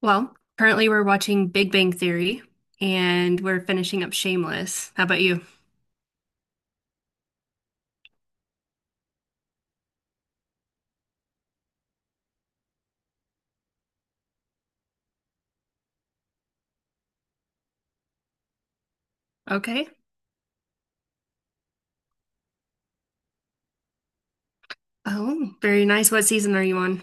Well, currently we're watching Big Bang Theory and we're finishing up Shameless. How about you? Okay. Oh, very nice. What season are you on?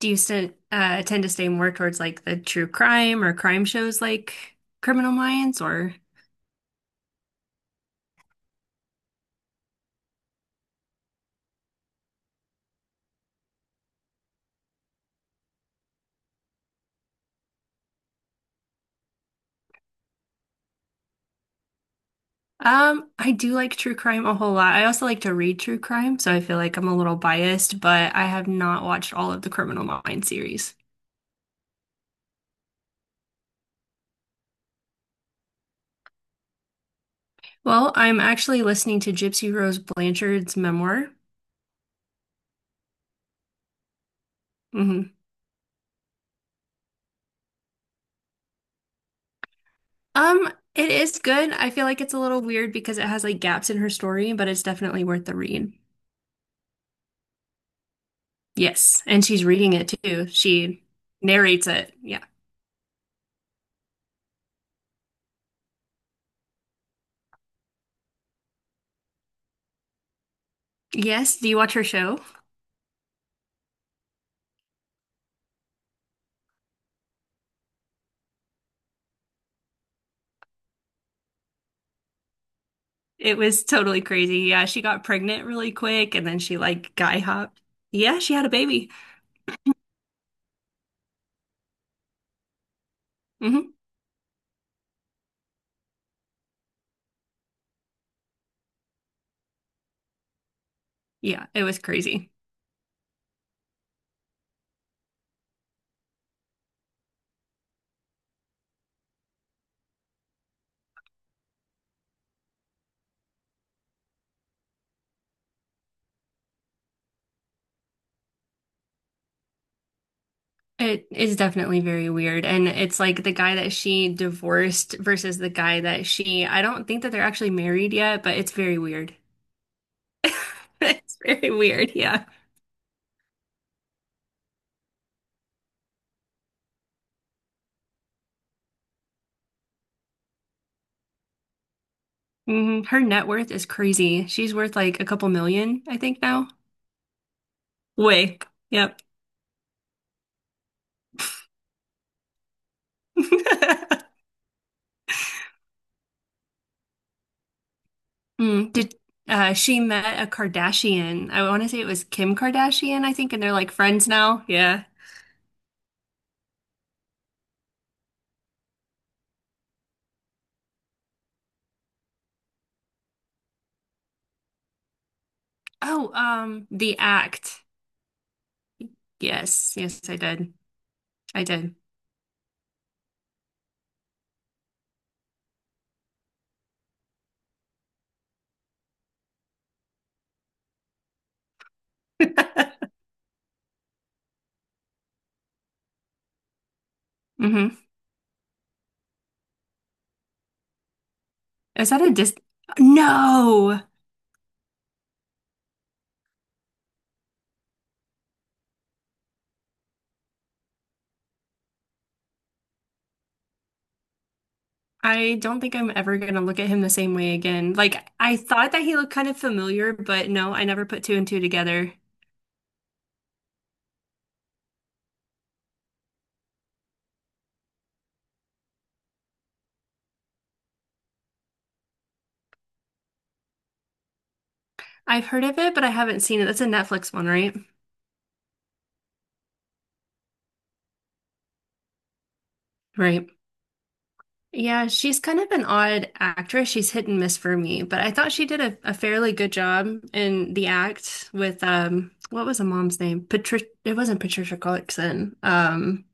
Do you st tend to stay more towards like the true crime or crime shows like Criminal Minds or I do like true crime a whole lot. I also like to read true crime, so I feel like I'm a little biased, but I have not watched all of the Criminal Minds series. Well, I'm actually listening to Gypsy Rose Blanchard's memoir. Mhm. Um, it is good. I feel like it's a little weird because it has like gaps in her story, but it's definitely worth the read. Yes, and she's reading it too. She narrates it. Yeah. Yes, do you watch her show? It was totally crazy. Yeah, she got pregnant really quick and then she like guy hopped. Yeah, she had a baby. Hmm. Yeah, it was crazy. It is definitely very weird. And it's like the guy that she divorced versus the guy that she, I don't think that they're actually married yet, but it's very weird. It's very weird. Yeah. Her net worth is crazy. She's worth like a couple million, I think now. Way. Yep. Mm, did she met a Kardashian? I want to say it was Kim Kardashian, I think, and they're like friends now. Yeah. Oh, The Act. Yes, yes, I did. I did. Hmm. Is that a dis? No, I don't think I'm ever gonna look at him the same way again. Like I thought that he looked kind of familiar, but no, I never put two and two together. I've heard of it, but I haven't seen it. That's a Netflix one, right? Right. Yeah, she's kind of an odd actress. She's hit and miss for me, but I thought she did a fairly good job in the act with what was the mom's name? Patricia It wasn't Patricia Clarkson.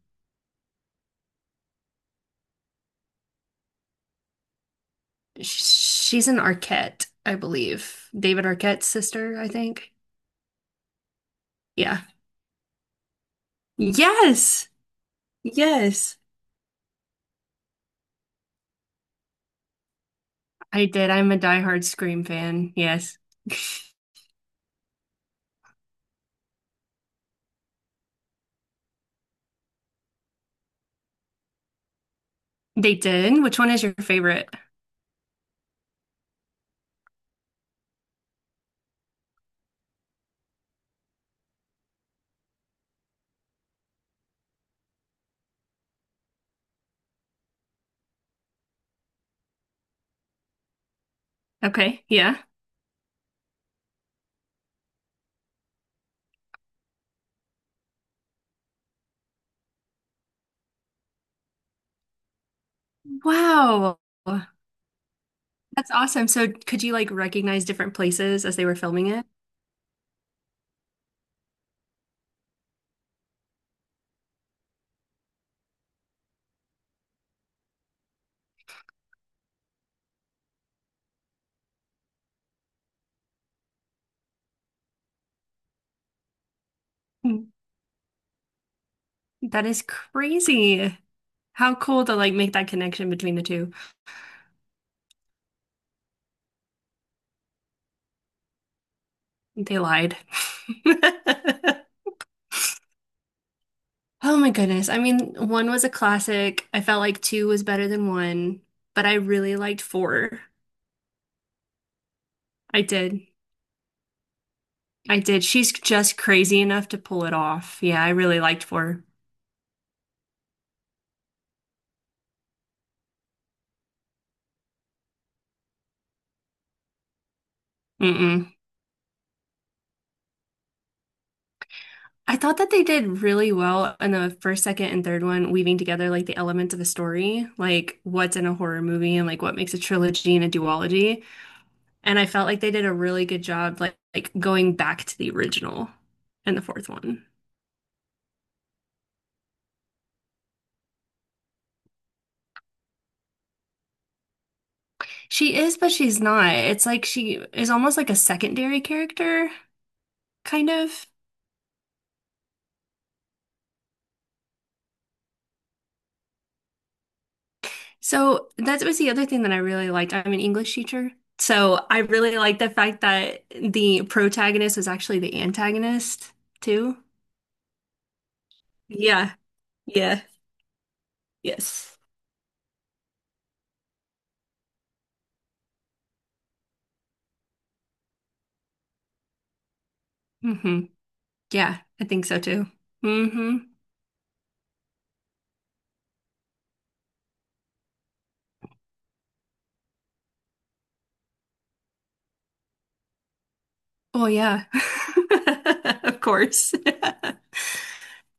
sh- she's an Arquette, I believe. David Arquette's sister, I think. Yeah. Yes. Yes. I did. I'm a diehard Scream fan. Yes. They did. Which one is your favorite? Okay. Yeah. Wow. That's awesome. So could you like recognize different places as they were filming it? Mm. That is crazy. How cool to like make that connection between the two. They lied. Oh my goodness. I mean, one was a classic. I felt like two was better than one, but I really liked four. I did. I did. She's just crazy enough to pull it off. Yeah, I really liked four. Mm-mm. I thought that they did really well in the first, second, and third one, weaving together like the elements of a story, like what's in a horror movie and like what makes a trilogy and a duology. And I felt like they did a really good job, like going back to the original in the fourth one. She is, but she's not. It's like she is almost like a secondary character, kind of. So that was the other thing that I really liked. I'm an English teacher. So I really liked the fact that the protagonist was actually the antagonist too. Yeah, yeah, yes. Hmm. Yeah, I think so too. Hmm. Oh yeah. Of course.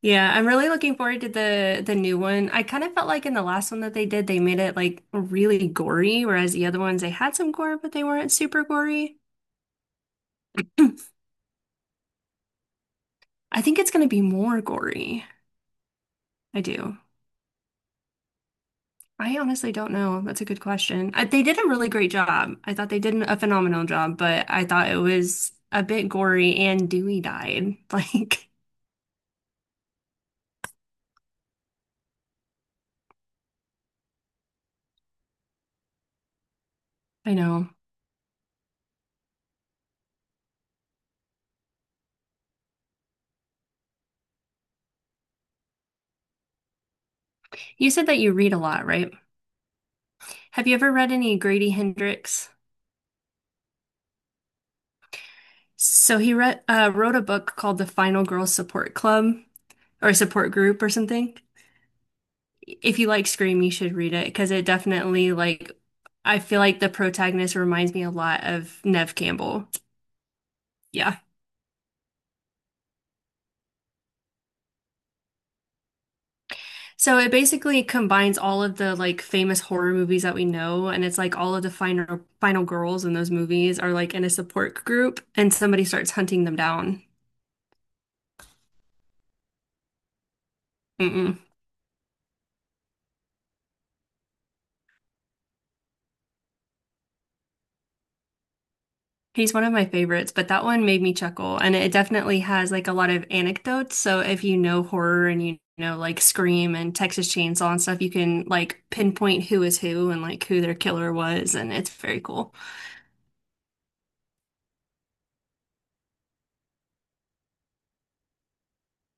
Yeah, I'm really looking forward to the new one. I kind of felt like in the last one that they did, they made it like really gory, whereas the other ones they had some gore, but they weren't super gory. I think it's gonna be more gory. I do. I honestly don't know. That's a good question. They did a really great job. I thought they did a phenomenal job, but I thought it was a bit gory and Dewey died. Like, I know. You said that you read a lot, right? Have you ever read any Grady Hendrix? So he wrote a book called The Final Girl Support Club or Support Group or something. If you like Scream, you should read it because it definitely like I feel like the protagonist reminds me a lot of Nev Campbell. Yeah. So it basically combines all of the like famous horror movies that we know, and it's like all of the final girls in those movies are like in a support group, and somebody starts hunting them down. Mm-mm. He's one of my favorites, but that one made me chuckle, and it definitely has like a lot of anecdotes. So if you know horror and you know like Scream and Texas Chainsaw and stuff, you can like pinpoint who is who and like who their killer was, and it's very cool.